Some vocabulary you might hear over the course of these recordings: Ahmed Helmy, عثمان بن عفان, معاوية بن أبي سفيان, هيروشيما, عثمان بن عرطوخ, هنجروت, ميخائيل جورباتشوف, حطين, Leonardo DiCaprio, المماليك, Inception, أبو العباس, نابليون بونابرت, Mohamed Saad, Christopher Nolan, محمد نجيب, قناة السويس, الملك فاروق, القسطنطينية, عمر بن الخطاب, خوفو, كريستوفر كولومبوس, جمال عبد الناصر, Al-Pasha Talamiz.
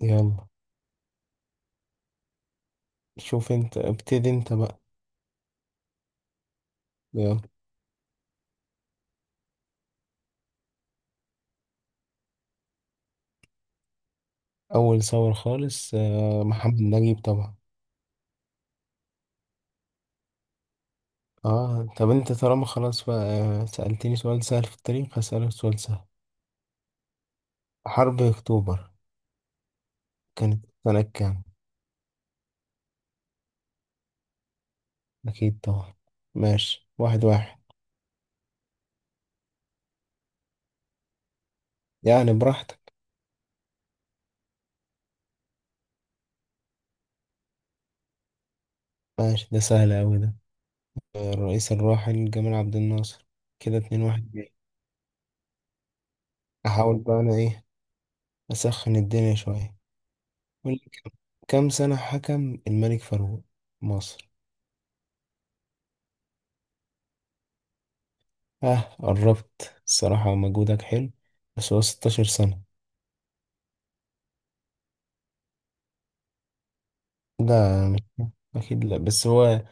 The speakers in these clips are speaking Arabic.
يلا. شوف انت ابتدي انت بقى. يلا. اول صور خالص، محمد نجيب طبعا. اه، طب انت طالما خلاص بقى. سألتني سؤال سهل في التاريخ، هسألك سؤال سهل. حرب اكتوبر كانت سنة كام؟ اكيد طبعا. ماشي 1-1 يعني براحتك. ماشي، ده سهل اوي ده. الرئيس الراحل جمال عبد الناصر. كده 2-1 ليه. احاول بقى انا ايه، اسخن الدنيا شوية. قول لي، كم سنة حكم الملك فاروق مصر؟ اه، قربت الصراحة، مجهودك حلو، بس هو 16 سنة. لا، أكيد لا، بس هو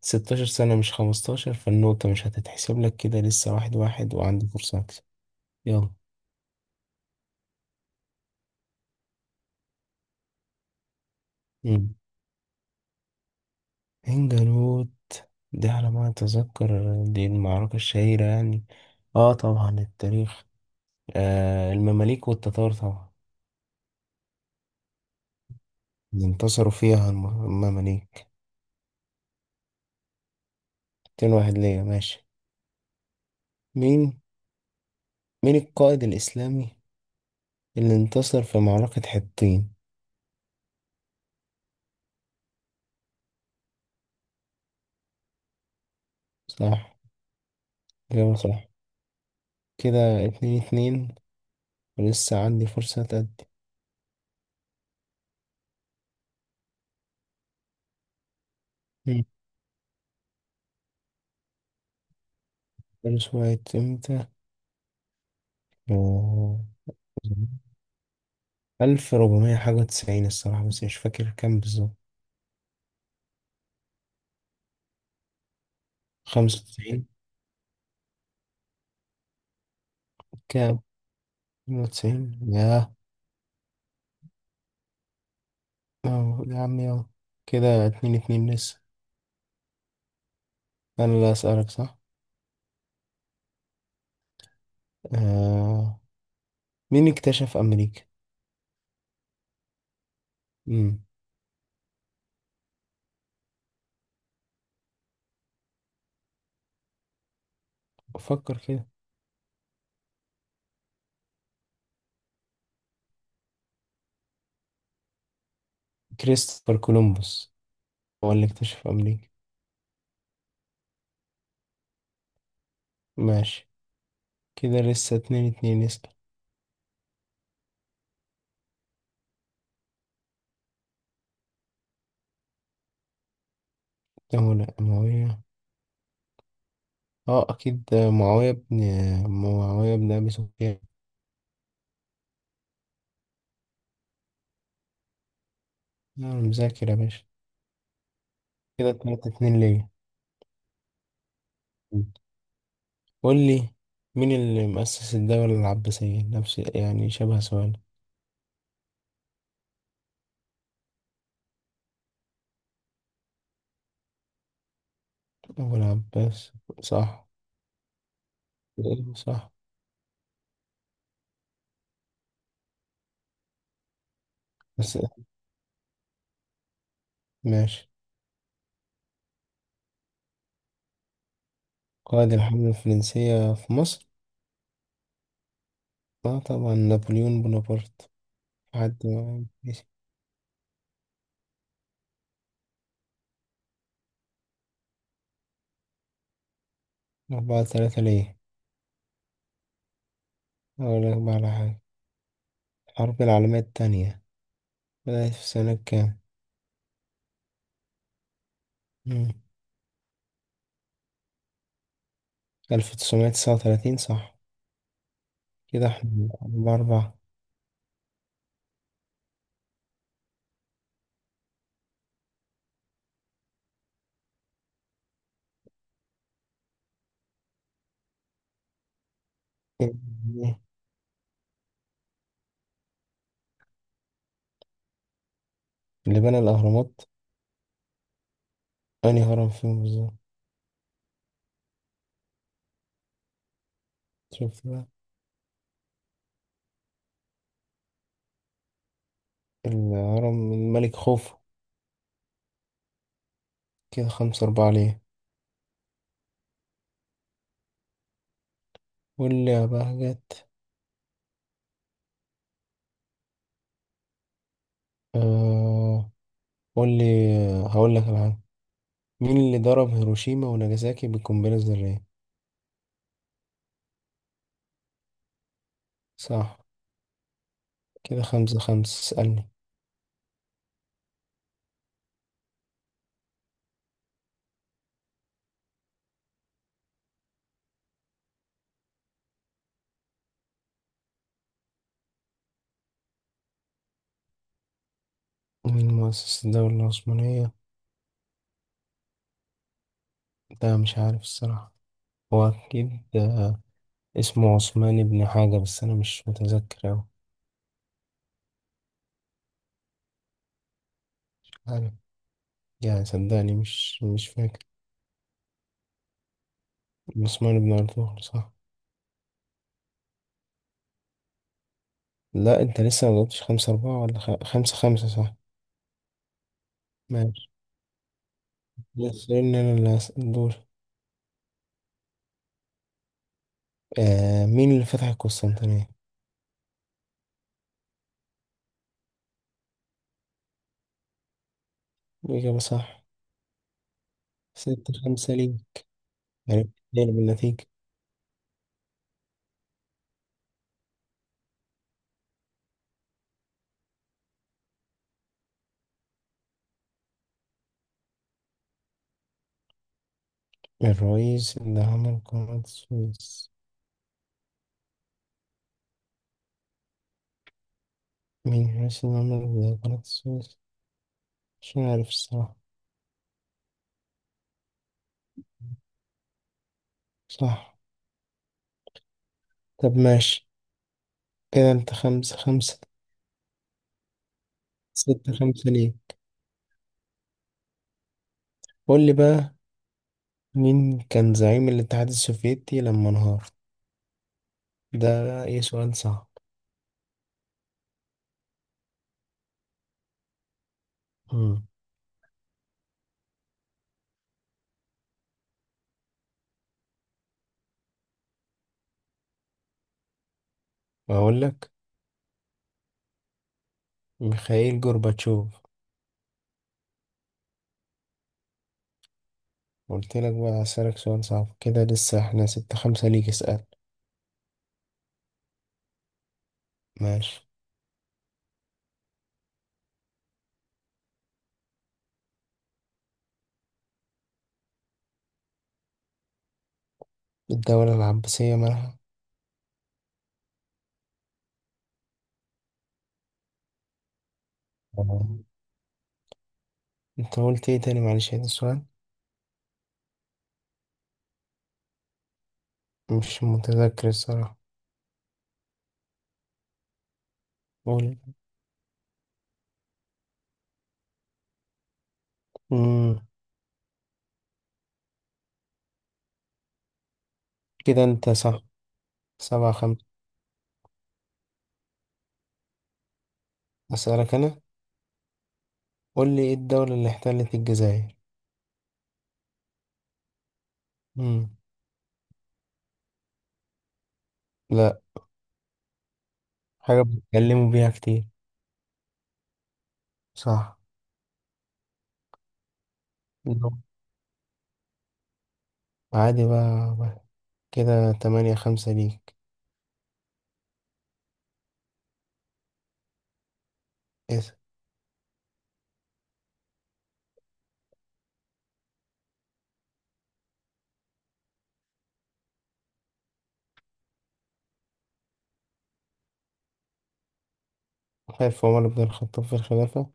16 سنة مش 15، فالنقطة مش هتتحسب لك كده، لسه 1-1 وعندي فرصة أكسب. يلا. مم. هنجروت، دي على ما أتذكر دي المعركة الشهيرة يعني. اه طبعا التاريخ، المماليك والتتار طبعا. انتصروا فيها المماليك. 2 واحد ليا، ماشي. مين مين القائد الإسلامي اللي انتصر في معركة حطين؟ صح، إجابة صح. كده 2-2، ولسه عندي فرصة تأدي. مم. فارس وقعت امتى؟ أوه. ألف ربعمية حاجة وتسعين الصراحة، بس مش فاكر كام بالظبط. خمسة وتسعين. كام؟ خمسة وتسعين يا... أهو، يا عمي أهو. كده 2-2 لسه. أنا اللي أسألك صح؟ آه. مين اكتشف أمريكا؟ مم. فكر كده. كريستوفر كولومبوس هو اللي اكتشف أمريكا. ماشي، كده لسه 2-2. اسأل. ده ولا معاوية؟ اه اكيد، معاوية بن معاوية بن ابي سفيان. انا مذاكر يا باشا. كده 3-2 ليا. قول لي، مين اللي مؤسس الدولة العباسية؟ نفس يعني شبه سؤال. أبو العباس. صح. صح بس ماشي. قائد الحملة الفرنسية في مصر. اه طبعا نابليون بونابرت. حد ماشي. 4-3 ليه. أقول لك بقى على حاجة، الحرب العالمية التانية بدأت في سنة كام؟ مم. 1939، صح. كده احنا بأربع... إيه؟ اللي بنى الأهرامات، أنهي هرم فيهم بالظبط؟ شوف بقى. الهرم الملك خوفو. كده 5-4 ليه. قول لي يا بهجت. آه. قول لي، هقول لك على حاجة. مين اللي ضرب هيروشيما وناجازاكي بالقنبلة الذرية؟ صح. كده 5-5. اسألني. مين مؤسس الدولة العثمانية؟ ده مش عارف الصراحة. هو أكيد، آه، اسمه عثمان بن حاجة، بس أنا مش متذكر أوي. حاجة يعني، صدقني مش فاكر. عثمان بن عرطوخ، صح. لا أنت لسه مجبتش 5-4 ولا خمسة خمسة، صح. ماشي، لسه إن أنا اللي هسأل دول. مين اللي فتح القسطنطينية؟ الإجابة صح. 6-5 ليه. عرفت اتنين بالنتيجة. الرئيس اللي عمل قناة السويس. مين الرئيس اللي عمل قناة السويس؟ مش عارف الصراحة. صح، طب ماشي. كده انت 5-5. 6-5 ليه. قول لي بقى، مين كان زعيم الاتحاد السوفيتي لما انهار؟ ده ايه سؤال صعب. امم اقول لك. ميخائيل جورباتشوف. قلت لك بقى، هسألك سؤال صعب كده. لسه احنا 6-5 ليك. اسأل. ماشي. الدولة العباسية مالها؟ آه. انت قلت ايه تاني؟ معلش هذا السؤال. مش متذكر الصراحة. قول. امم كده انت صح. 7-5. اسألك انا. قول لي، ايه الدولة اللي احتلت الجزائر؟ امم لا، حاجة بيتكلموا بيها كتير. صح. لو عادي بقى بقى. كده 8-5 ليك. اسأل. خلف عمر بن الخطاب في الخلافة.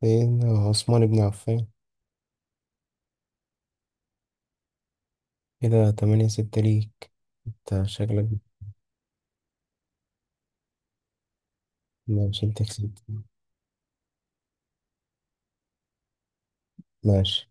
سيدنا عثمان بن عفان. كده 8-6 ليك. انت شكلك... مش انت كسبت. ماشي.